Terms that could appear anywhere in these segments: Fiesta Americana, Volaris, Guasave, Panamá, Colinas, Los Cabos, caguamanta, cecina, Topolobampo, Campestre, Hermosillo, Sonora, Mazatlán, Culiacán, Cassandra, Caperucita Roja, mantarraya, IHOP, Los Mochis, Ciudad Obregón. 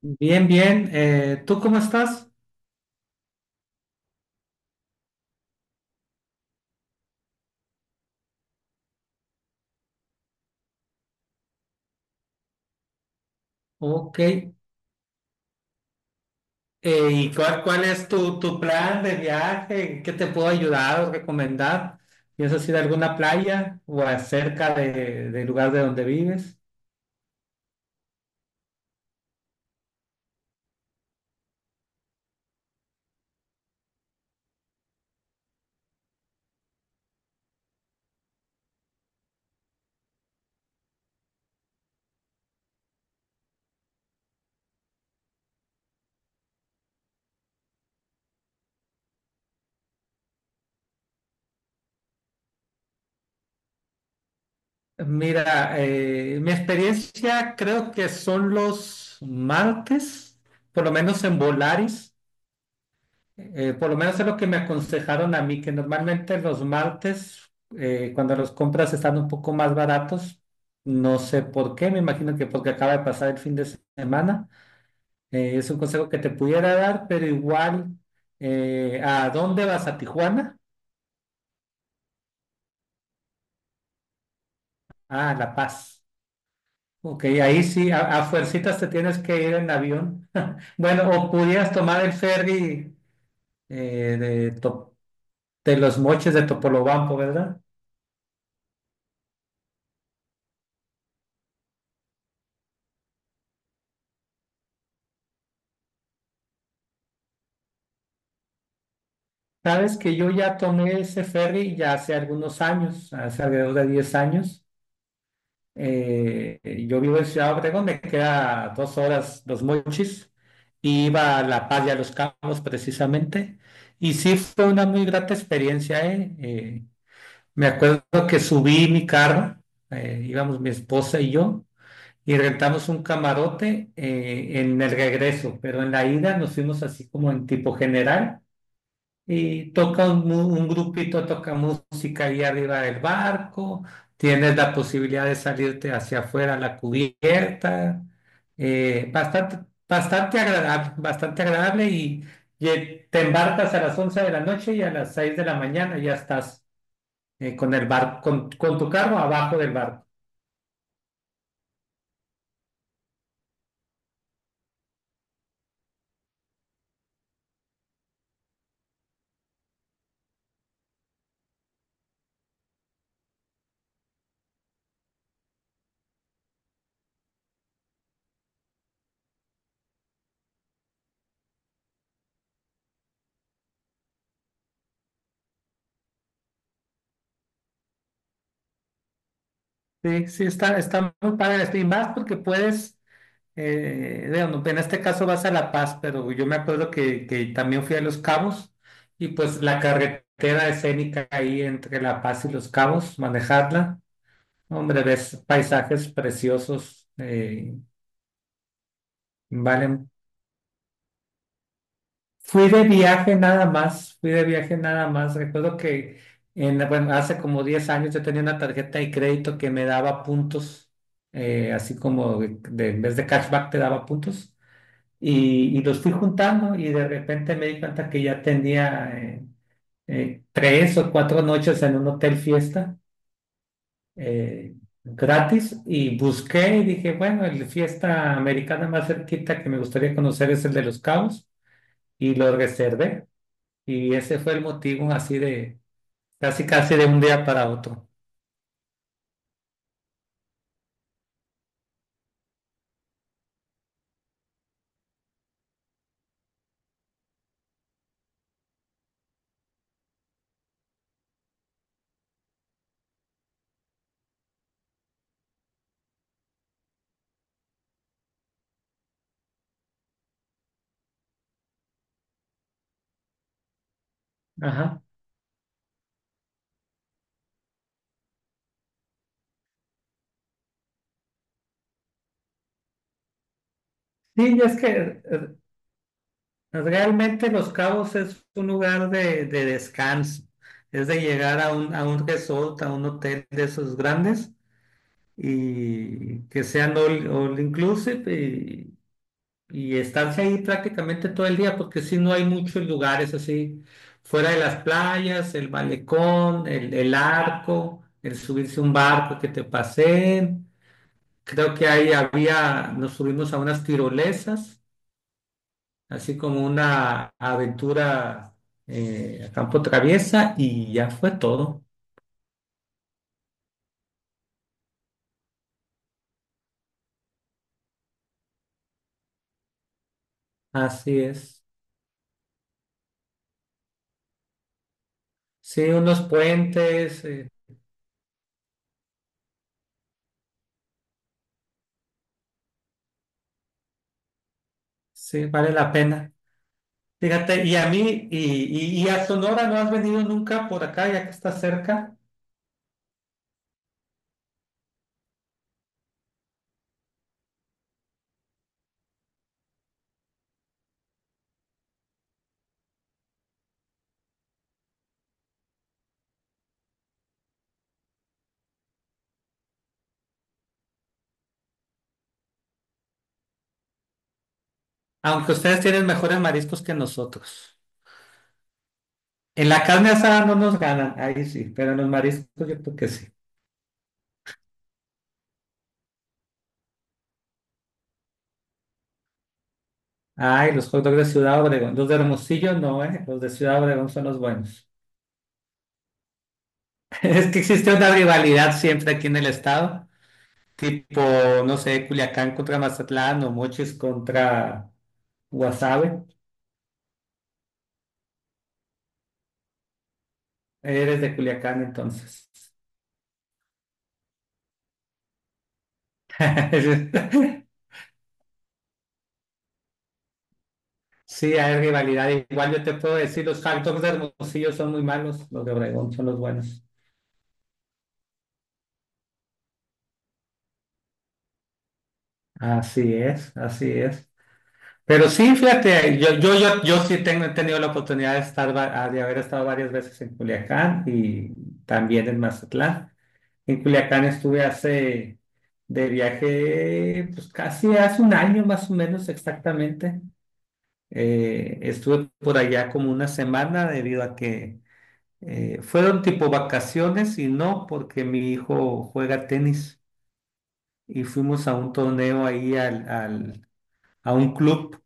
Bien, bien. ¿Tú cómo estás? Ok. ¿Y cuál es tu plan de viaje? ¿Qué te puedo ayudar o recomendar? ¿Piensas ir a alguna playa o acerca del lugar de donde vives? Mira, mi experiencia creo que son los martes, por lo menos en Volaris. Por lo menos es lo que me aconsejaron a mí, que normalmente los martes, cuando los compras están un poco más baratos, no sé por qué, me imagino que porque acaba de pasar el fin de semana. Es un consejo que te pudiera dar, pero igual, ¿a dónde vas? ¿A Tijuana? Ah, a La Paz. Ok, ahí sí, a fuercitas te tienes que ir en avión. Bueno, o pudieras tomar el ferry eh, de, Top- de Los Mochis, de Topolobampo, ¿verdad? Sabes que yo ya tomé ese ferry ya hace algunos años, hace alrededor de 10 años. Yo vivo en Ciudad Obregón, me queda 2 horas, los mochis, y iba a La Paz y a Los Cabos precisamente. Y sí fue una muy grata experiencia, ¿eh? Me acuerdo que subí mi carro, íbamos mi esposa y yo, y rentamos un camarote, en el regreso, pero en la ida nos fuimos así como en tipo general y toca un grupito, toca música ahí arriba del barco, tienes la posibilidad de salirte hacia afuera a la cubierta, bastante, bastante agradable, bastante agradable, te embarcas a las 11 de la noche y a las 6 de la mañana ya estás, con el barco, con tu carro abajo del barco. Sí, sí, está, está muy padre esto, y más porque puedes. Digamos, en este caso vas a La Paz, pero yo me acuerdo que también fui a Los Cabos y pues la carretera escénica ahí entre La Paz y Los Cabos, manejarla, hombre, ves paisajes preciosos, valen. Fui de viaje nada más, fui de viaje nada más. Recuerdo que en, bueno, hace como 10 años yo tenía una tarjeta de crédito que me daba puntos, así como de, en vez de cashback te daba puntos. Y, y los fui juntando y de repente me di cuenta que ya tenía, 3 o 4 noches en un hotel fiesta, eh, gratis, y busqué y dije, bueno, el fiesta americana más cerquita que me gustaría conocer es el de Los Cabos y lo reservé y ese fue el motivo así de casi casi de un día para otro. Ajá. Sí, es que, pues, realmente Los Cabos es un lugar de descanso, es de llegar a un resort, a un hotel de esos grandes y que sean all inclusive, y estarse ahí prácticamente todo el día porque si no hay muchos lugares así, fuera de las playas, el malecón, el arco, el subirse a un barco que te paseen. Creo que ahí había, nos subimos a unas tirolesas así como una aventura, a campo traviesa y ya fue todo. Así es. Sí, unos puentes, sí, vale la pena. Fíjate, y a mí, y a Sonora no has venido nunca por acá, ya que está cerca, aunque ustedes tienen mejores mariscos que nosotros. En la carne asada no nos ganan, ahí sí, pero en los mariscos yo creo que sí. Ay, los hot dogs de Ciudad Obregón, los de Hermosillo no, ¿eh? Los de Ciudad Obregón son los buenos. Es que existe una rivalidad siempre aquí en el estado, tipo, no sé, Culiacán contra Mazatlán o Mochis contra Guasave. Eres de Culiacán entonces. Sí, hay rivalidad. Igual yo te puedo decir, los hot dogs de Hermosillo son muy malos, los de Obregón son los buenos. Así es, así es. Pero sí, fíjate, yo sí tengo, he tenido la oportunidad de estar, de haber estado varias veces en Culiacán y también en Mazatlán. En Culiacán estuve hace de viaje, pues casi hace un año más o menos exactamente. Estuve por allá como una semana debido a que, fueron tipo vacaciones y no porque mi hijo juega tenis y fuimos a un torneo ahí a un club.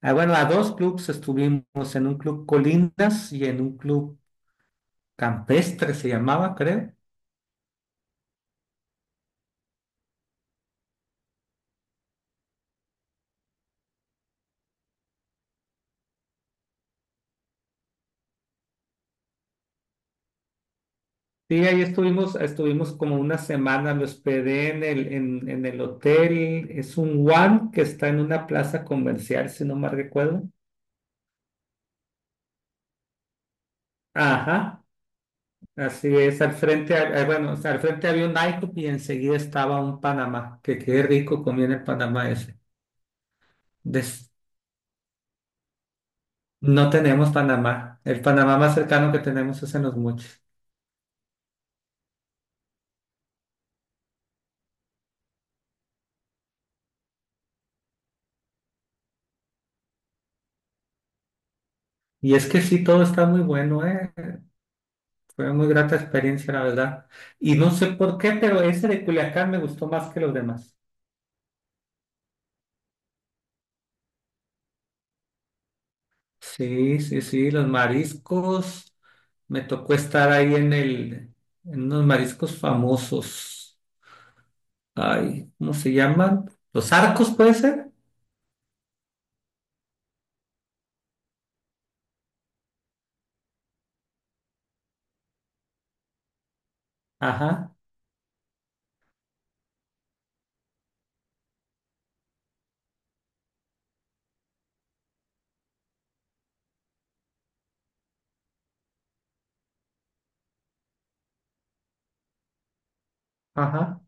Ah, bueno, a dos clubs estuvimos, en un club Colinas y en un club Campestre se llamaba, creo. Sí, ahí estuvimos, estuvimos como una semana, me hospedé en el hotel, es un One que está en una plaza comercial, si no mal recuerdo. Ajá, así es, al frente, bueno, o sea, al frente había un IHOP y enseguida estaba un Panamá, que qué rico comía en el Panamá ese. Des- no tenemos Panamá, el Panamá más cercano que tenemos es en Los Mochis. Y es que sí, todo está muy bueno, ¿eh? Fue muy grata experiencia, la verdad. Y no sé por qué, pero ese de Culiacán me gustó más que los demás. Sí, sí, sí, los mariscos. Me tocó estar ahí en unos mariscos famosos. Ay, ¿cómo se llaman? ¿Los arcos puede ser? Ajá, ajá.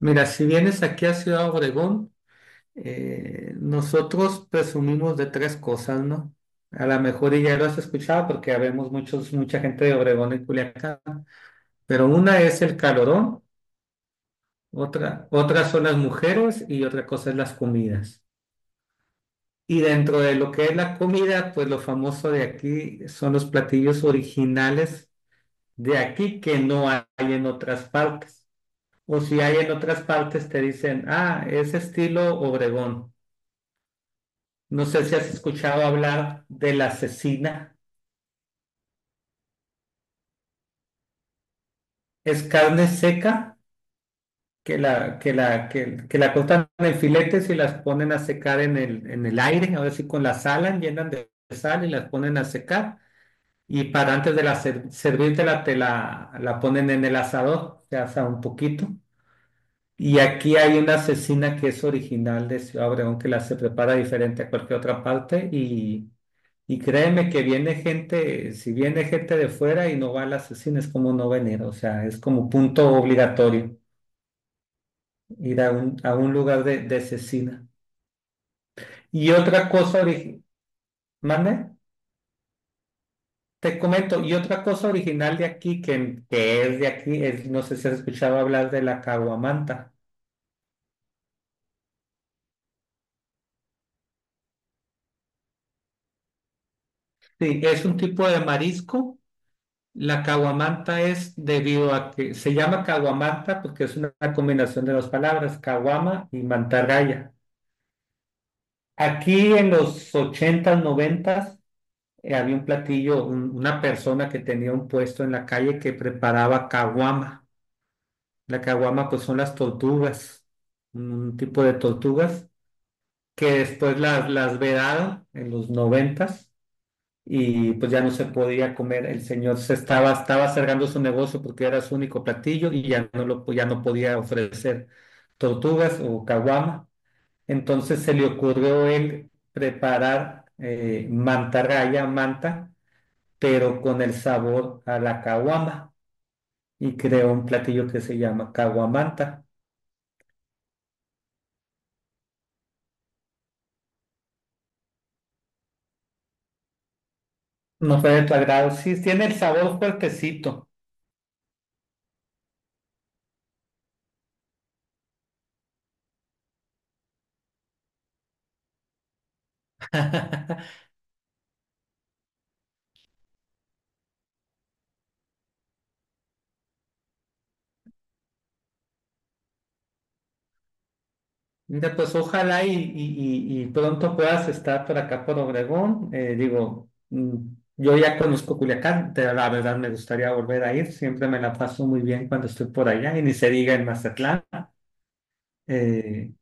Mira, si vienes aquí a Ciudad Obregón, nosotros presumimos de tres cosas, ¿no? A lo mejor y ya lo has escuchado porque habemos muchos, mucha gente de Obregón y Culiacán, pero una es el calorón, otra, otra son las mujeres y otra cosa es las comidas. Y dentro de lo que es la comida, pues lo famoso de aquí son los platillos originales de aquí que no hay en otras partes. O si hay en otras partes te dicen, ah, es estilo Obregón. No sé si has escuchado hablar de la cecina. Es carne seca que la cortan en filetes y las ponen a secar en el aire, ahora sí con la sal, llenan de sal y las ponen a secar. Y para antes de la servírtela, la ponen en el asador, se asa un poquito. Y aquí hay una cecina que es original de Ciudad Obregón, que la se prepara diferente a cualquier otra parte. Y créeme que viene gente, si viene gente de fuera y no va a la cecina, es como no venir, o sea, es como punto obligatorio ir a un lugar de cecina. Y otra cosa, ¿mande? Te comento, y otra cosa original de aquí, que es de aquí, es, no sé si has escuchado hablar de la caguamanta. Sí, es un tipo de marisco. La caguamanta es debido a que se llama caguamanta porque es una combinación de dos palabras, caguama y mantarraya. Aquí en los ochentas noventas, había un platillo, una persona que tenía un puesto en la calle que preparaba caguama. La caguama, pues son las tortugas, un tipo de tortugas que después las vedaron en los noventas y pues ya no se podía comer. El señor se estaba, estaba cerrando su negocio porque era su único platillo y ya no podía ofrecer tortugas o caguama. Entonces se le ocurrió él preparar, mantarraya, manta, pero con el sabor a la caguama y creó un platillo que se llama caguamanta. No fue de tu agrado, sí, tiene el sabor fuertecito. Mira, pues ojalá y, y pronto puedas estar por acá por Obregón. Digo, yo ya conozco Culiacán, la verdad me gustaría volver a ir, siempre me la paso muy bien cuando estoy por allá y ni se diga en Mazatlán. Eh,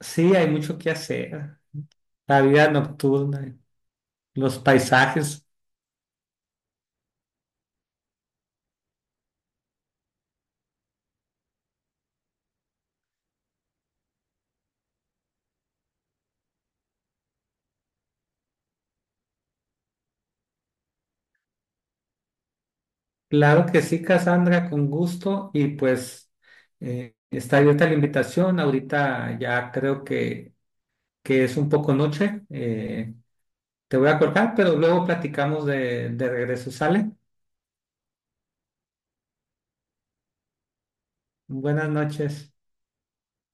sí, hay mucho que hacer, la vida nocturna, los paisajes. Claro que sí, Cassandra, con gusto y pues, está abierta la invitación. Ahorita ya creo que es un poco noche. Te voy a cortar, pero luego platicamos de regreso. ¿Sale? Buenas noches.